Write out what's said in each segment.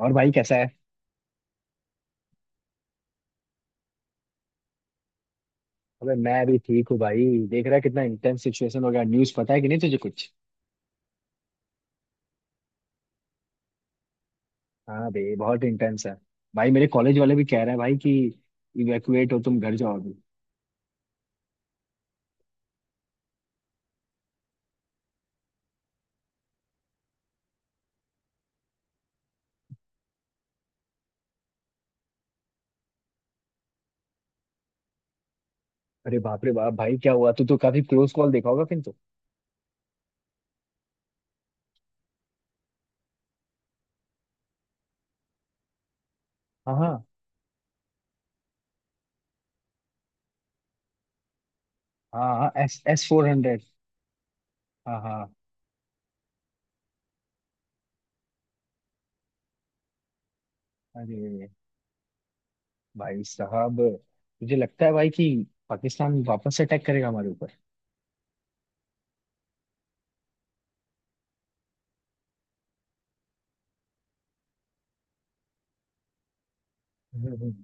और भाई कैसा है? अबे मैं भी ठीक हूँ भाई। देख रहा है कितना इंटेंस सिचुएशन हो गया। न्यूज़ पता है कि नहीं तुझे कुछ? हाँ बे बहुत इंटेंस है। भाई मेरे कॉलेज वाले भी कह रहे हैं भाई कि इवैक्यूएट हो तुम घर जाओ अभी। अरे बाप रे बाप भाई क्या हुआ? तू तो काफी क्लोज कॉल देखा होगा किंतु। हाँ हाँ। हाँ हाँ एस एस फोर हंड्रेड। हाँ हाँ। अरे भाई साहब मुझे लगता है भाई कि पाकिस्तान वापस अटैक करेगा हमारे ऊपर। हम्म, हम्म।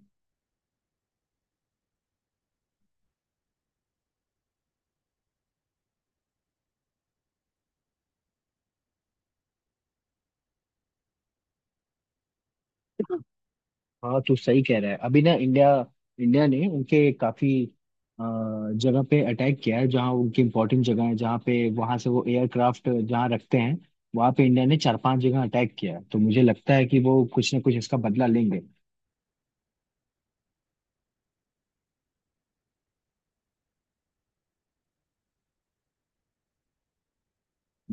हाँ तू सही कह रहा है। अभी ना इंडिया इंडिया ने उनके काफी अ, जगह पे अटैक किया है जहाँ उनकी इम्पोर्टेंट जगह है, जहाँ पे वहां से वो एयरक्राफ्ट जहाँ रखते हैं। वहां पे इंडिया ने चार पांच जगह अटैक किया है, तो मुझे लगता है कि वो कुछ ना कुछ इसका बदला लेंगे।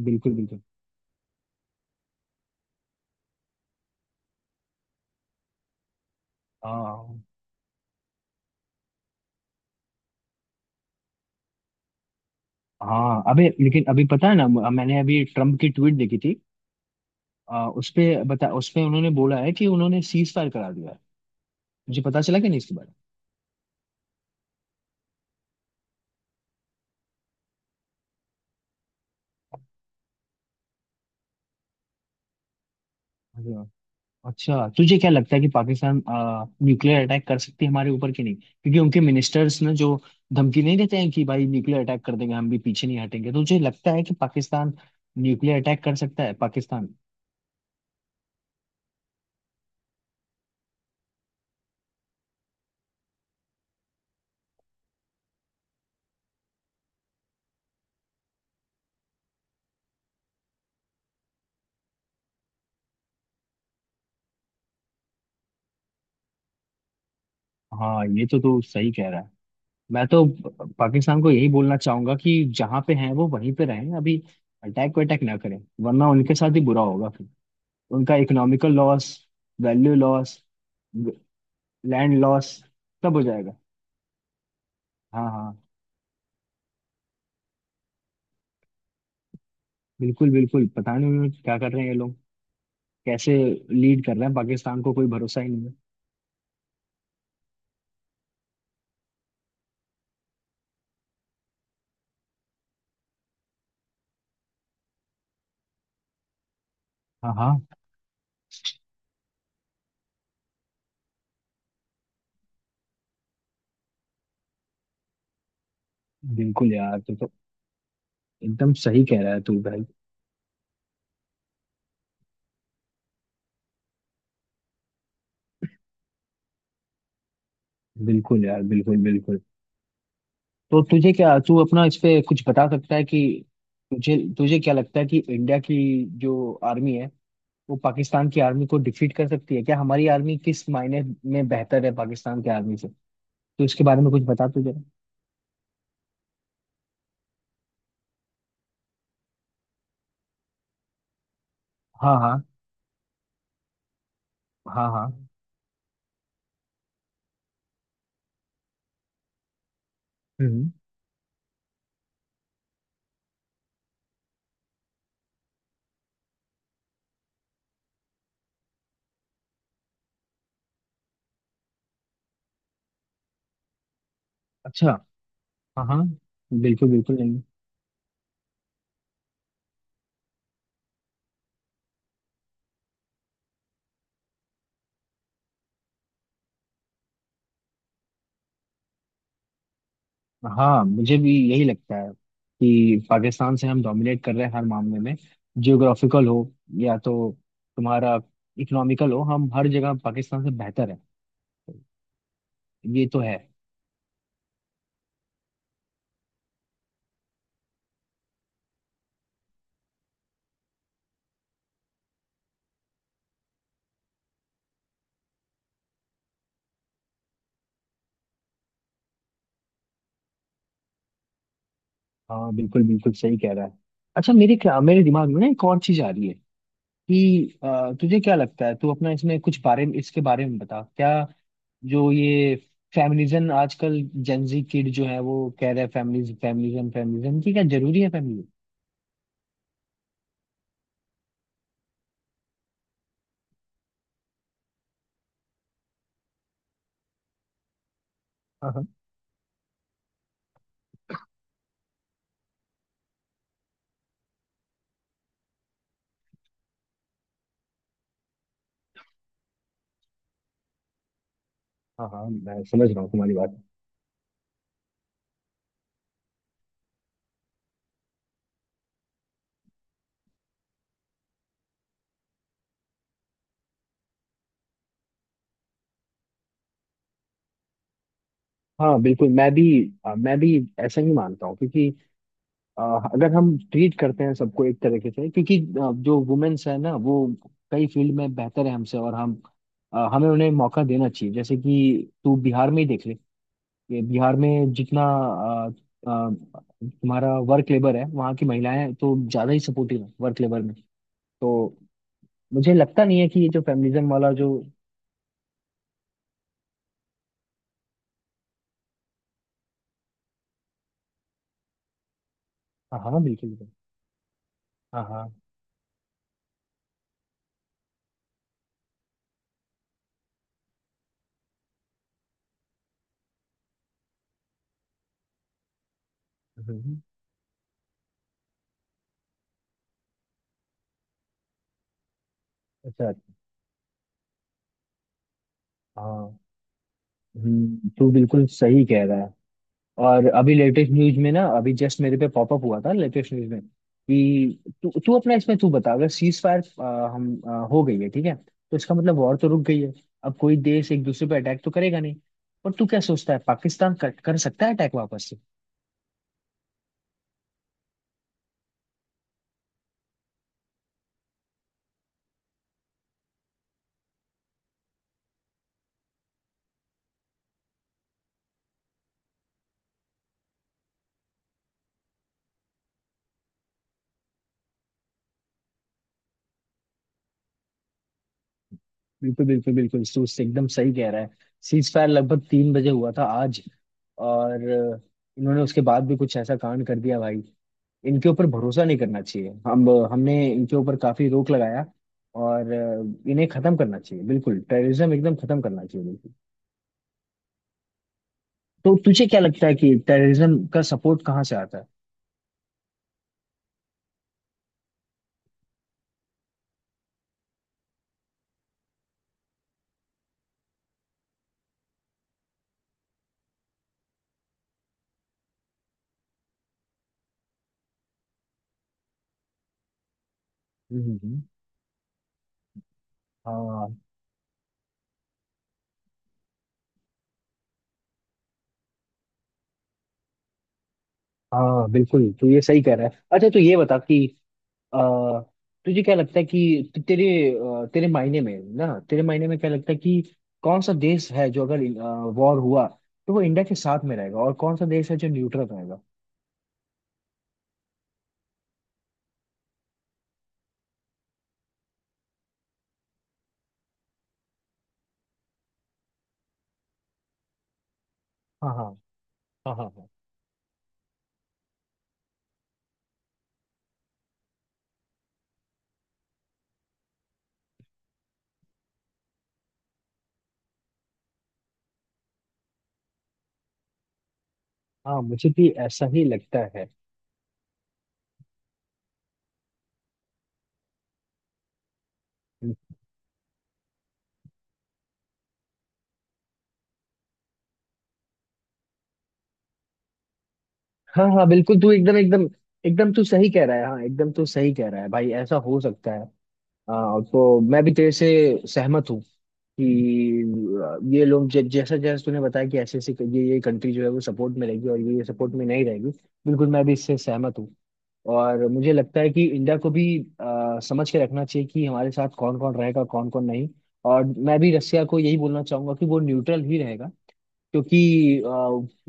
बिल्कुल बिल्कुल। हाँ हाँ। अबे लेकिन अभी पता है ना, मैंने अभी ट्रम्प की ट्वीट देखी थी। उसपे बता। उसपे उन्होंने बोला है कि उन्होंने सीज फायर करा दिया है। मुझे पता चला कि नहीं इसके बारे में? अच्छा तुझे क्या लगता है कि पाकिस्तान न्यूक्लियर अटैक कर सकती है हमारे ऊपर कि नहीं? क्योंकि उनके मिनिस्टर्स ने जो धमकी नहीं देते हैं कि भाई न्यूक्लियर अटैक कर देंगे हम भी पीछे नहीं हटेंगे, तो तुझे लगता है कि पाकिस्तान न्यूक्लियर अटैक कर सकता है पाकिस्तान? हाँ ये तो तू सही कह रहा है। मैं तो पाकिस्तान को यही बोलना चाहूंगा कि जहाँ पे हैं वो वहीं पे रहें अभी। अटैक वटैक ना करें। वरना उनके साथ ही बुरा होगा फिर। उनका economical loss, value loss, land loss सब हो जाएगा। हाँ हाँ। बिल्कुल बिल्कुल, पता नहीं उन्होंने क्या कर रहे हैं ये लोग। कैसे लीड कर रहे हैं पाकिस्तान को? कोई भरोसा ही नहीं है। हाँ हाँ। बिल्कुल यार तू तो एकदम सही कह रहा है तू भाई। बिल्कुल यार, बिल्कुल बिल्कुल। तो तुझे क्या, तू अपना इस पे कुछ बता सकता है कि तुझे तुझे क्या लगता है कि इंडिया की जो आर्मी है वो पाकिस्तान की आर्मी को डिफीट कर सकती है क्या? हमारी आर्मी किस मायने में बेहतर है पाकिस्तान की आर्मी से, तो इसके बारे में कुछ बता तुझे। हाँ हाँ। हाँ हाँ। हम्म। अच्छा। हाँ हाँ। बिल्कुल बिल्कुल। हाँ मुझे भी यही लगता है कि पाकिस्तान से हम डोमिनेट कर रहे हैं हर मामले में। जियोग्राफिकल हो या तो तुम्हारा इकोनॉमिकल हो, हम हर जगह पाकिस्तान से बेहतर है। ये तो है। हाँ बिल्कुल बिल्कुल सही कह रहा है। अच्छा मेरे क्या, मेरे दिमाग में ना एक और चीज आ रही है कि तुझे क्या लगता है, तू अपना इसमें कुछ बारे में इसके बारे में बता, क्या जो ये फेमिनिज्म आजकल जेंजी किड जो है वो कह रहे हैं, फेमिनिज्म फेमिनिज्म फेमिनिज्म, कि क्या जरूरी है फेमिनिज्म? हाँ हाँ। हाँ हाँ, मैं समझ रहा हूँ तुम्हारी बात। हाँ बिल्कुल, मैं भी मैं भी ऐसा ही मानता हूँ क्योंकि अ, अगर हम ट्रीट करते हैं सबको एक तरीके से। क्योंकि जो वुमेन्स है ना वो कई फील्ड में बेहतर है हमसे, और हम हमें उन्हें मौका देना चाहिए। जैसे कि तू बिहार में ही देख ले। ये बिहार में जितना अ, तुम्हारा वर्क लेबर है, वहाँ की महिलाएं तो ज़्यादा ही सपोर्टिव है वर्क लेबर में। तो मुझे लगता नहीं है कि ये जो फेमिनिज्म वाला जो... हाँ हाँ बिल्कुल बिल्कुल। हाँ हाँ। हम्म, अच्छा। हाँ। तू बिल्कुल सही कह रहा है। और अभी लेटेस्ट न्यूज में ना, अभी जस्ट मेरे पे पॉपअप हुआ था लेटेस्ट न्यूज में कि तू तू अपना इसमें तू बता, अगर सीज फायर हम हो गई है ठीक है, तो इसका मतलब वॉर तो रुक गई है। अब कोई देश एक दूसरे पे अटैक तो करेगा नहीं। और तू क्या सोचता है पाकिस्तान कर सकता है अटैक वापस से? बिल्कुल बिल्कुल बिल्कुल तू उससे एकदम सही कह रहा है। सीज फायर लगभग 3 बजे हुआ था आज। और इन्होंने उसके बाद भी कुछ ऐसा कांड कर दिया भाई। इनके ऊपर भरोसा नहीं करना चाहिए। हम हमने इनके ऊपर काफी रोक लगाया। और इन्हें खत्म करना चाहिए बिल्कुल। टेररिज्म एकदम खत्म करना चाहिए बिल्कुल। तो तुझे क्या लगता है कि टेररिज्म का सपोर्ट कहाँ से आता है? हम्म। हाँ हाँ बिल्कुल तू ये सही कह रहा है। अच्छा तू ये बता कि अ, तुझे क्या लगता है कि तेरे तेरे मायने में ना, तेरे मायने में क्या लगता है कि कौन सा देश है जो अगर वॉर हुआ तो वो इंडिया के साथ में रहेगा, और कौन सा देश है जो न्यूट्रल रहेगा? हाँ हाँ। हाँ हाँ। हाँ हाँ, मुझे भी ऐसा ही लगता है। हाँ हाँ बिल्कुल तू एकदम एकदम एकदम तू सही कह रहा है। हाँ एकदम तू सही कह रहा है भाई, ऐसा हो सकता है। हाँ तो मैं भी तेरे से सहमत हूँ कि ये लोग जैसा जैसा तूने बताया कि ऐसे ऐसे ये कंट्री जो है वो सपोर्ट में रहेगी और ये सपोर्ट में नहीं रहेगी। बिल्कुल मैं भी इससे सहमत हूँ। और मुझे लगता है कि इंडिया को भी समझ के रखना चाहिए कि हमारे साथ कौन कौन रहेगा, कौन कौन नहीं। और मैं भी रसिया को यही बोलना चाहूंगा कि वो न्यूट्रल ही रहेगा, क्योंकि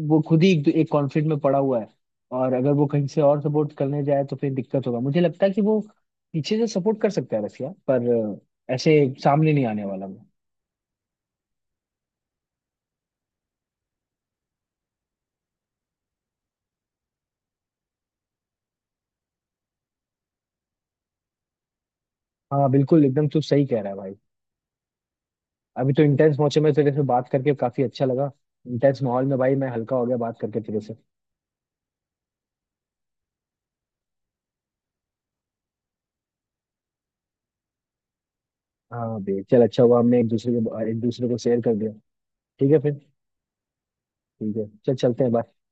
वो खुद ही एक कॉन्फ्लिक्ट में पड़ा हुआ है। और अगर वो कहीं से और सपोर्ट करने जाए तो फिर दिक्कत होगा। मुझे लगता है कि वो पीछे से सपोर्ट कर सकता है रसिया, पर ऐसे सामने नहीं आने वाला वो। हाँ बिल्कुल एकदम तू सही कह रहा है भाई। अभी तो इंटेंस मौके में तेरे से बात करके काफी अच्छा लगा। इंटेंस माहौल में भाई मैं हल्का हो गया बात करके तेरे से। हाँ बे चल, अच्छा हुआ हमने एक दूसरे को शेयर कर दिया। ठीक है फिर। ठीक है चल चलते हैं bye।